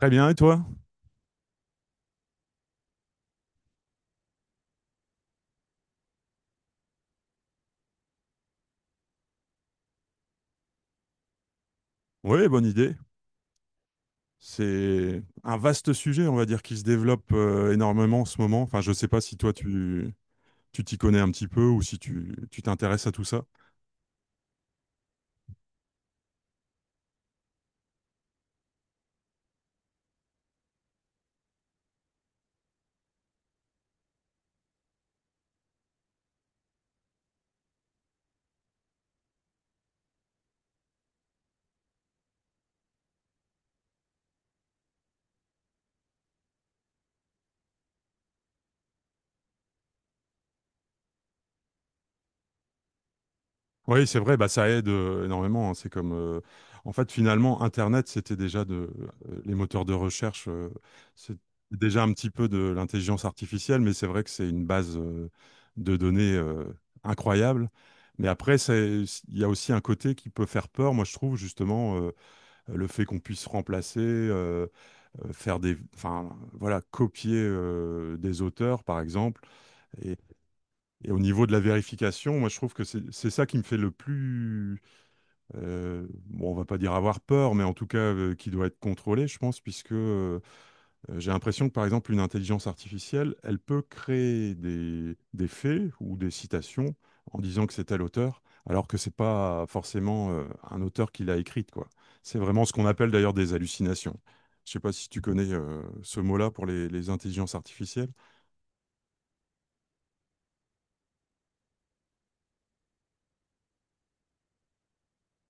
Très bien, et toi? Oui, bonne idée. C'est un vaste sujet, on va dire, qui se développe énormément en ce moment. Enfin, je ne sais pas si toi, tu t'y connais un petit peu ou si tu t'intéresses à tout ça. Oui, c'est vrai, bah, ça aide énormément, hein. C'est comme, en fait, finalement, Internet, c'était déjà de, les moteurs de recherche, c'est déjà un petit peu de l'intelligence artificielle, mais c'est vrai que c'est une base de données incroyable. Mais après, il y a aussi un côté qui peut faire peur, moi je trouve, justement, le fait qu'on puisse remplacer, faire des, enfin, voilà, copier des auteurs, par exemple. Et, et au niveau de la vérification, moi je trouve que c'est ça qui me fait le plus bon, on va pas dire avoir peur, mais en tout cas qui doit être contrôlé, je pense, puisque j'ai l'impression que par exemple une intelligence artificielle, elle peut créer des faits ou des citations en disant que c'est tel auteur, alors que c'est pas forcément un auteur qui l'a écrite, quoi. C'est vraiment ce qu'on appelle d'ailleurs des hallucinations. Je sais pas si tu connais ce mot-là pour les intelligences artificielles.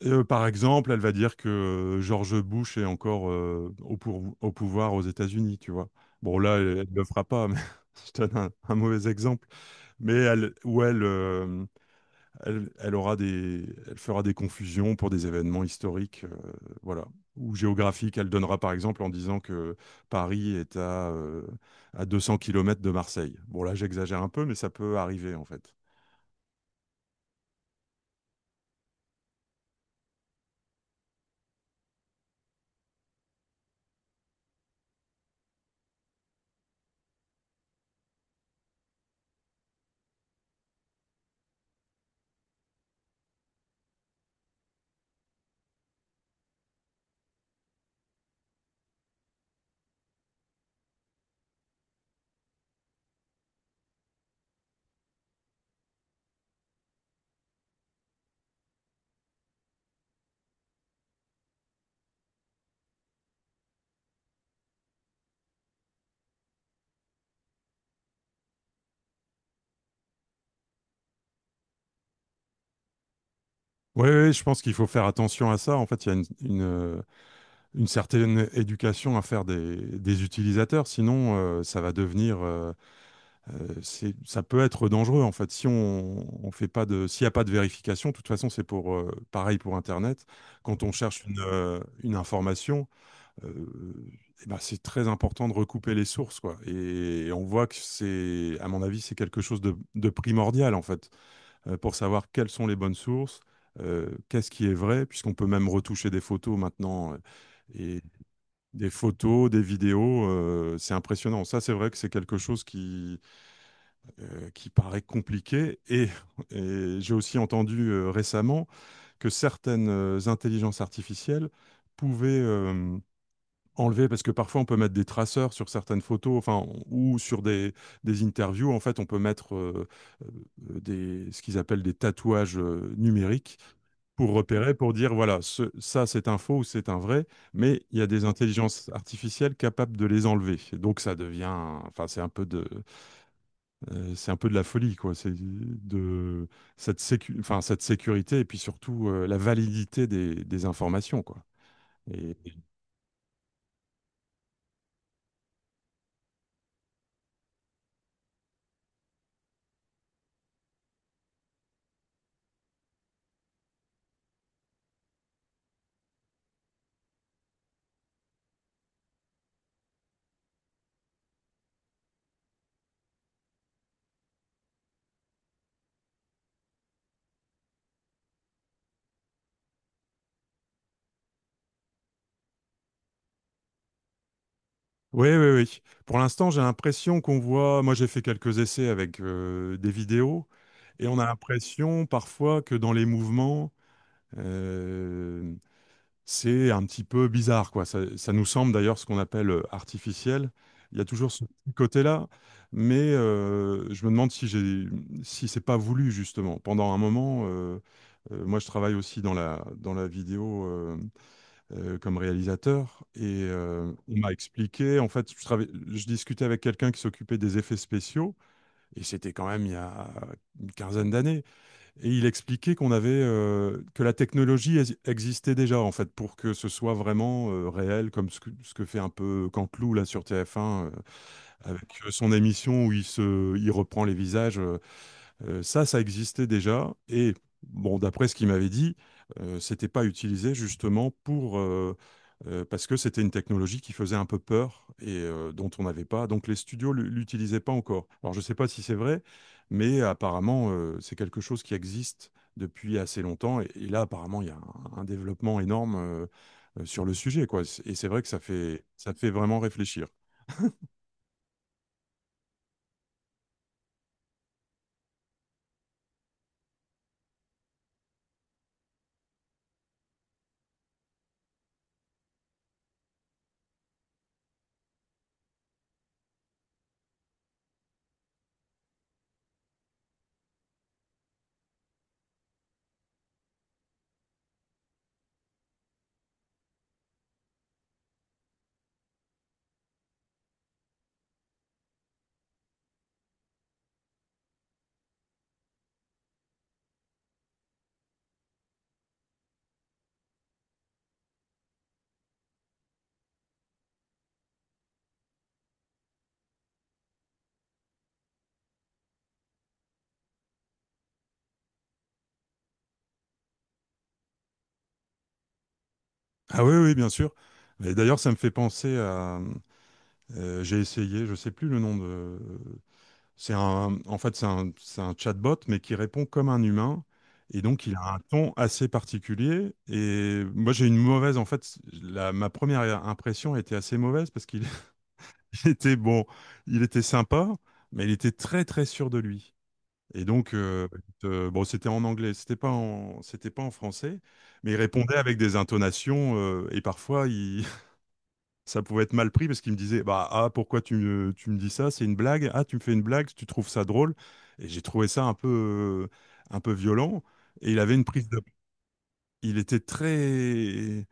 Par exemple, elle va dire que George Bush est encore, au pouvoir aux États-Unis, tu vois? Bon là, elle ne le fera pas, mais je donne un mauvais exemple, mais elle fera des confusions pour des événements historiques, voilà, ou géographiques. Elle donnera par exemple en disant que Paris est à 200 kilomètres de Marseille. Bon là, j'exagère un peu, mais ça peut arriver en fait. Oui, je pense qu'il faut faire attention à ça. En fait, il y a une certaine éducation à faire des utilisateurs, sinon ça va devenir, ça peut être dangereux en fait. Si on fait pas de, s'il n'y a pas de vérification, de toute façon c'est pour pareil pour Internet. Quand on cherche une information, euh, eh ben, c'est très important de recouper les sources, quoi. Et on voit que c'est, à mon avis, c'est quelque chose de primordial en fait, pour savoir quelles sont les bonnes sources, qu'est-ce qui est vrai, puisqu'on peut même retoucher des photos maintenant, et des photos, des vidéos, c'est impressionnant. Ça, c'est vrai que c'est quelque chose qui paraît compliqué. Et j'ai aussi entendu récemment que certaines intelligences artificielles pouvaient enlever, parce que parfois on peut mettre des traceurs sur certaines photos, enfin, ou sur des interviews. En fait, on peut mettre euh, ce qu'ils appellent des tatouages numériques pour repérer, pour dire, voilà, ça c'est un faux ou c'est un vrai, mais il y a des intelligences artificielles capables de les enlever. Et donc ça devient, enfin c'est un peu de la folie, quoi. C'est de cette sécurité et puis surtout la validité des informations, quoi. Et... Oui, oui, oui. Pour l'instant, j'ai l'impression qu'on voit, moi j'ai fait quelques essais avec des vidéos, et on a l'impression parfois que dans les mouvements, euh, c'est un petit peu bizarre, quoi. Ça nous semble d'ailleurs ce qu'on appelle artificiel. Il y a toujours ce petit côté-là, mais je me demande si c'est pas voulu justement. Pendant un moment, moi je travaille aussi dans la vidéo comme réalisateur, et on m'a expliqué. En fait, je discutais avec quelqu'un qui s'occupait des effets spéciaux, et c'était quand même il y a une quinzaine d'années. Et il expliquait qu'on avait, que la technologie existait déjà en fait pour que ce soit vraiment réel, comme ce que fait un peu Canteloup là sur TF1, avec son émission où il reprend les visages. Ça, ça existait déjà. Et bon, d'après ce qu'il m'avait dit, c'était pas utilisé justement pour, parce que c'était une technologie qui faisait un peu peur et dont on n'avait pas. Donc les studios l'utilisaient pas encore. Alors je sais pas si c'est vrai, mais apparemment c'est quelque chose qui existe depuis assez longtemps. Et là, apparemment, il y a un développement énorme sur le sujet, quoi. Et c'est vrai que ça fait vraiment réfléchir. Ah oui, oui, bien sûr. Et d'ailleurs, ça me fait penser à... j'ai essayé, je sais plus le nom de. C'est un, en fait, c'est un chatbot, mais qui répond comme un humain. Et donc, il a un ton assez particulier. Et moi, j'ai une mauvaise, en fait, ma première impression était assez mauvaise, parce qu'il il était bon, il était sympa, mais il était très, très sûr de lui. Et donc, bon, c'était en anglais, c'était pas en français, mais il répondait avec des intonations, et parfois, ça pouvait être mal pris, parce qu'il me disait, bah, ah, pourquoi tu me dis ça, c'est une blague, ah, tu me fais une blague, tu trouves ça drôle. Et j'ai trouvé ça un peu violent, et il avait une prise de il était très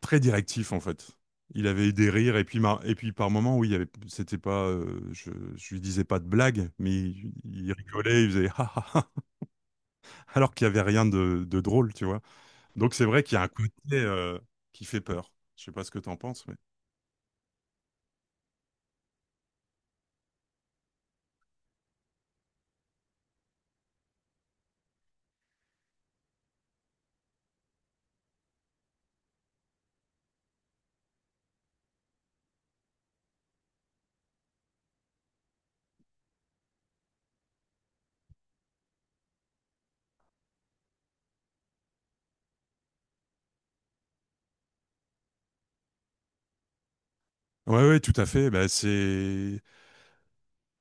très directif en fait. Il avait eu des rires, et puis par moments, oui, il y avait, c'était pas, je lui disais pas de blague, mais il rigolait, il faisait ah, ah, ah alors qu'il y avait rien de drôle, tu vois. Donc c'est vrai qu'il y a un côté qui fait peur, je sais pas ce que tu en penses, mais... Ouais, ouais, tout à fait. Bah, c'est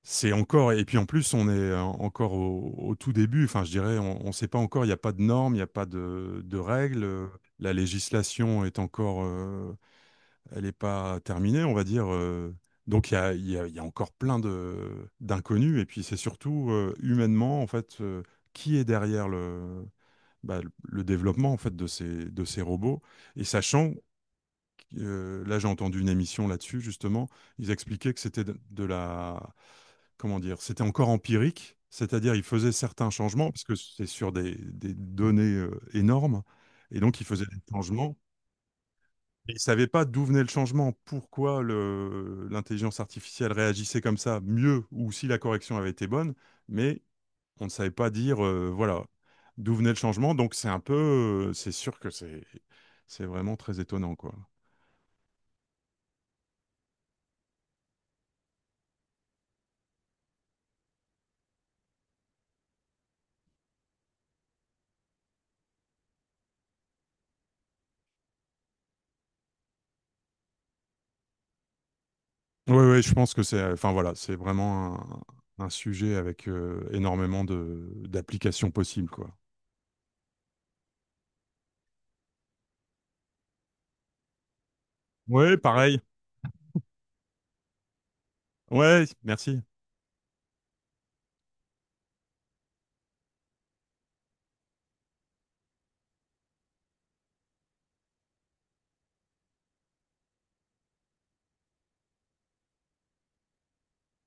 C'est encore, et puis en plus, on est encore au tout début. Enfin, je dirais, on ne sait pas encore, il n'y a pas de normes, il n'y a pas de règles. La législation est encore, elle n'est pas terminée, on va dire. Donc, il y a, encore plein d'inconnus. Et puis, c'est surtout humainement, en fait, qui est derrière le, bah, le développement, en fait, de ces robots. Et sachant, là, j'ai entendu une émission là-dessus, justement. Ils expliquaient que c'était de la... Comment dire? C'était encore empirique, c'est-à-dire ils faisaient certains changements, parce que c'est sur des données énormes, et donc ils faisaient des changements. Et ils ne savaient pas d'où venait le changement, pourquoi l'intelligence artificielle réagissait comme ça, mieux, ou si la correction avait été bonne, mais on ne savait pas dire, voilà, d'où venait le changement. Donc c'est sûr que c'est vraiment très étonnant, quoi. Oui, oui, je pense que c'est, enfin voilà, c'est vraiment un sujet avec énormément de d'applications possibles, quoi. Oui, pareil. Ouais, merci.